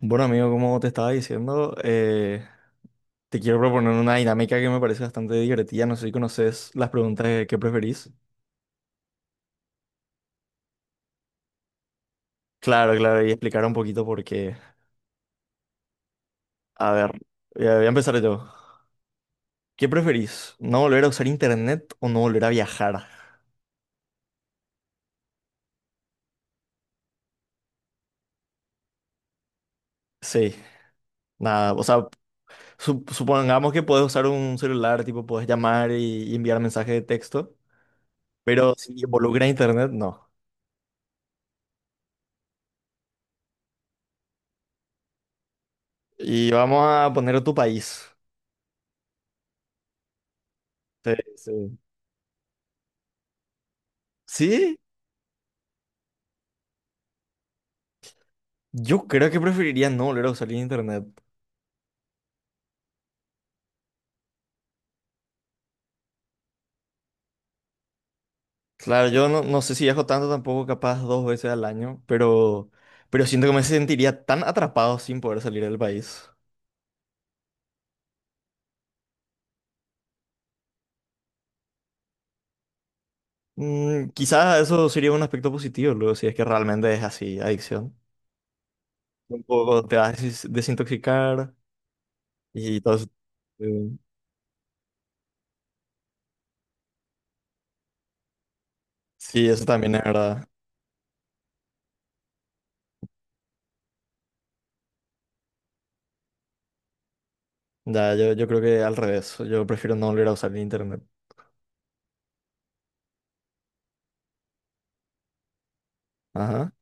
Bueno, amigo, como te estaba diciendo, te quiero proponer una dinámica que me parece bastante divertida. No sé si conoces las preguntas de qué preferís. Claro, claro, y explicar un poquito por qué. A ver, voy a empezar yo. ¿Qué preferís? ¿No volver a usar internet o no volver a viajar? Sí, nada, o sea, supongamos que puedes usar un celular, tipo, puedes llamar y enviar mensajes de texto, pero si involucra internet, no. Y vamos a poner tu país. Sí, sí. ¿Sí? Yo creo que preferiría no volver a usar el internet. Claro, yo no, no sé si viajo tanto tampoco, capaz dos veces al año, pero siento que me sentiría tan atrapado sin poder salir del país. Mm, quizás eso sería un aspecto positivo, luego, si es que realmente es así, adicción. Un poco te vas a desintoxicar y todo eso. eh, Sí, eso también es verdad. Ya, yo creo que al revés, yo prefiero no volver a usar el internet. Ajá.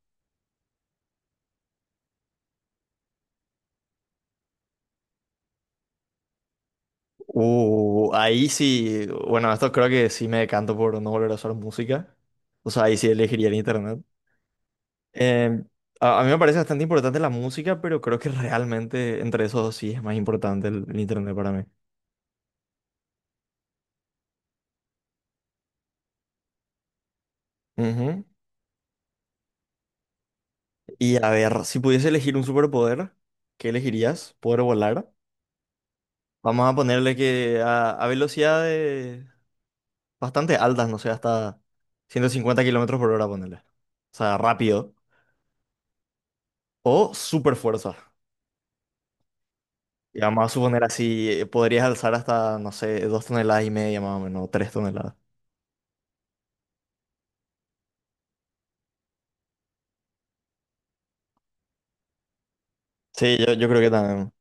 Ahí sí, bueno, esto creo que sí me decanto por no volver a usar música. O sea, ahí sí elegiría el internet. Eh, a mí me parece bastante importante la música, pero creo que realmente entre esos dos sí es más importante el internet para mí. Ujú. Y a ver, si pudiese elegir un superpoder, ¿qué elegirías? ¿Poder volar? Vamos a ponerle que a velocidades bastante altas, no sé, hasta 150 km/h, ponerle. O sea, rápido. O super fuerza. Y vamos a suponer así, podrías alzar hasta, no sé, 2,5 toneladas más o menos, 3 toneladas. Sí, yo creo que también.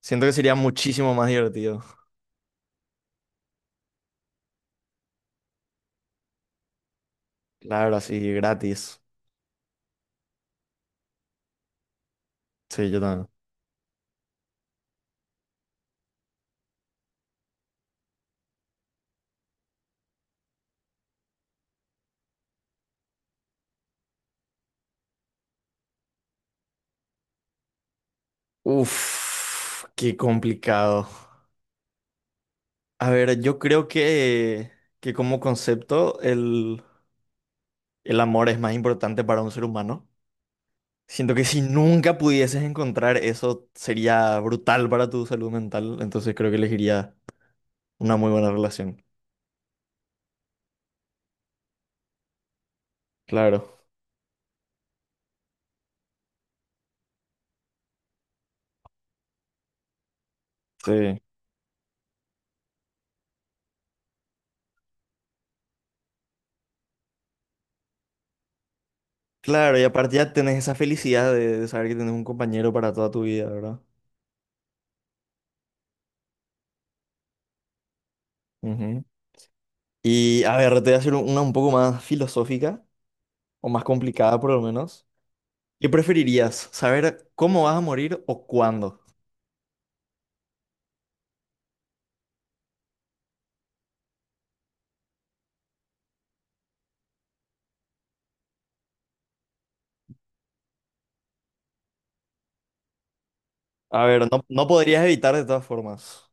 Siento que sería muchísimo más divertido. Claro, así, gratis. Sí, yo también. Uf, qué complicado. A ver, yo creo que como concepto el amor es más importante para un ser humano. Siento que si nunca pudieses encontrar eso sería brutal para tu salud mental, entonces creo que elegiría una muy buena relación. Claro. Sí. Claro, y aparte ya tenés esa felicidad de saber que tenés un compañero para toda tu vida, ¿verdad? Ujú. Y a ver, te voy a hacer una un poco más filosófica, o más complicada por lo menos. ¿Qué preferirías? ¿Saber cómo vas a morir o cuándo? A ver, no, no podrías evitar de todas formas.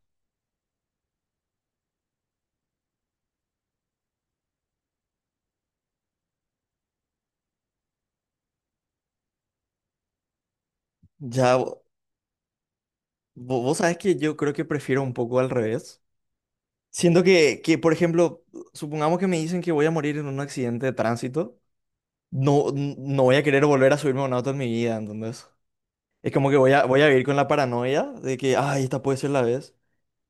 Ya, vos sabés que yo creo que prefiero un poco al revés. Siento por ejemplo, supongamos que me dicen que voy a morir en un accidente de tránsito. No, no voy a querer volver a subirme a un auto en mi vida, ¿entendés? Es como que voy a vivir con la paranoia de que, ay, esta puede ser la vez.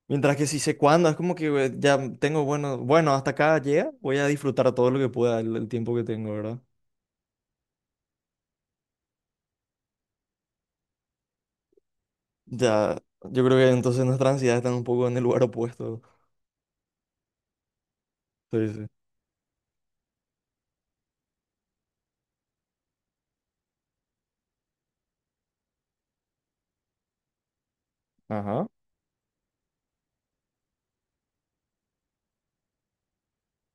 Mientras que si sé cuándo, es como que ya tengo, bueno, bueno, hasta acá llega, voy a disfrutar todo lo que pueda el tiempo que tengo, ¿verdad? Ya, yo creo que entonces nuestras ansiedades están un poco en el lugar opuesto. Sí, sí. Ajá.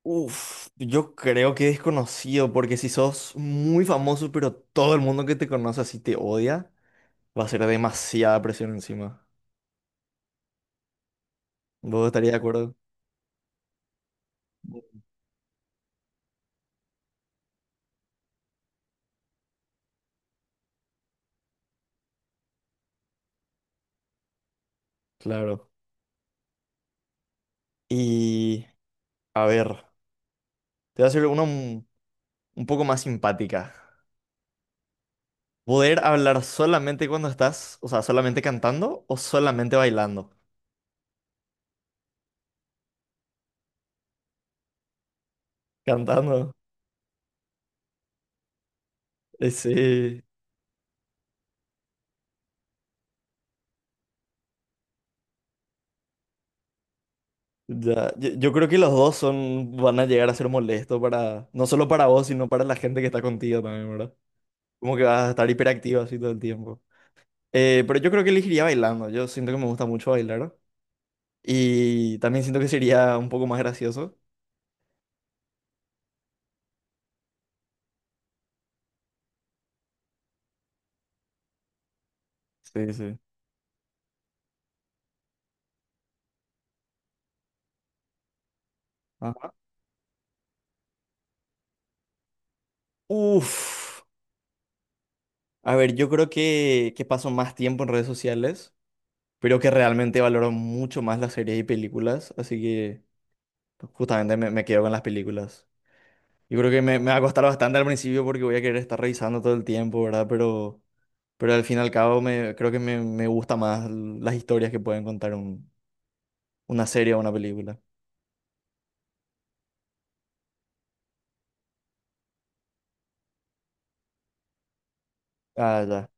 Uf, yo creo que desconocido, porque si sos muy famoso, pero todo el mundo que te conoce así te odia, va a ser demasiada presión encima. ¿Vos estarías de acuerdo? Claro. Y, a ver, te voy a hacer uno, un poco más simpática. Poder hablar solamente cuando estás, o sea, solamente cantando o solamente bailando. Cantando. Sí. Ya. Yo creo que los dos son, van a llegar a ser molestos para, no solo para vos, sino para la gente que está contigo también, ¿verdad? Como que vas a estar hiperactivo así todo el tiempo. Pero yo creo que elegiría bailando. Yo siento que me gusta mucho bailar. Y también siento que sería un poco más gracioso. Sí, sí. Ajá. Uf. A ver, yo creo que paso más tiempo en redes sociales, pero que realmente valoro mucho más las series y películas, así que justamente me quedo con las películas. Yo creo que me va a costar bastante al principio porque voy a querer estar revisando todo el tiempo, ¿verdad? Pero al fin y al cabo me gusta más las historias que pueden contar una serie o una película. Ah, ya,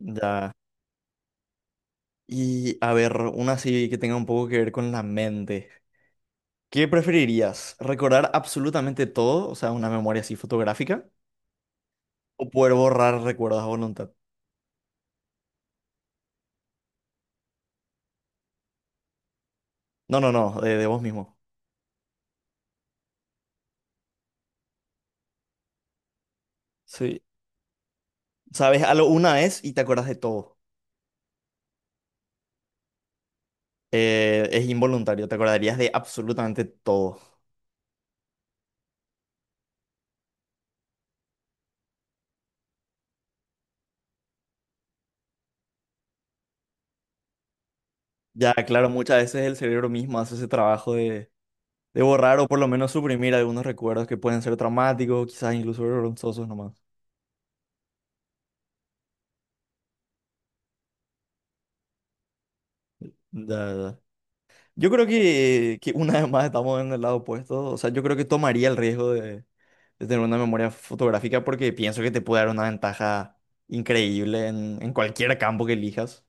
ya. Y a ver, una así que tenga un poco que ver con la mente. ¿Qué preferirías? ¿Recordar absolutamente todo? O sea, una memoria así fotográfica. ¿O poder borrar recuerdos a voluntad? No, no, no, de vos mismo. Sí. Sabes algo una vez y te acuerdas de todo. Es involuntario, te acordarías de absolutamente todo. Ya, claro, muchas veces el cerebro mismo hace ese trabajo de borrar o por lo menos suprimir algunos recuerdos que pueden ser traumáticos, quizás incluso vergonzosos nomás. Ya, ya. Yo creo que una vez más estamos en el lado opuesto. O sea, yo creo que tomaría el riesgo de tener una memoria fotográfica porque pienso que te puede dar una ventaja increíble en cualquier campo que elijas.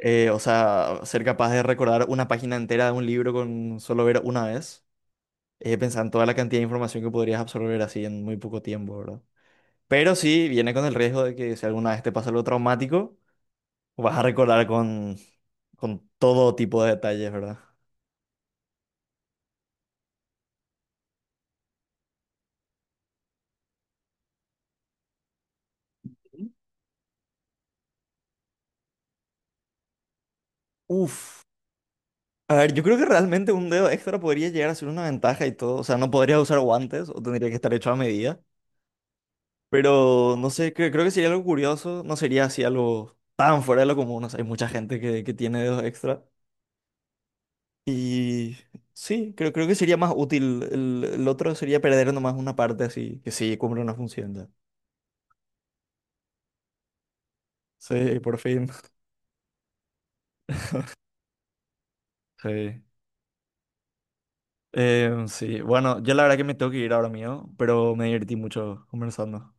O sea, ser capaz de recordar una página entera de un libro con solo ver una vez. Pensar en toda la cantidad de información que podrías absorber así en muy poco tiempo, ¿verdad? Pero sí, viene con el riesgo de que si alguna vez te pasa algo traumático, vas a recordar con todo tipo de detalles, ¿verdad? Uf. A ver, yo creo que realmente un dedo extra podría llegar a ser una ventaja y todo. O sea, no podría usar guantes o tendría que estar hecho a medida. Pero no sé, creo que sería algo curioso, no sería así algo tan fuera de lo común. O sea, hay mucha gente que tiene dedos extra. Y sí, creo que sería más útil. El otro sería perder nomás una parte así, que sí, cumple una función ya. Sí, por fin. Sí. Sí, bueno, yo la verdad que me tengo que ir ahora mío, pero me divertí mucho conversando.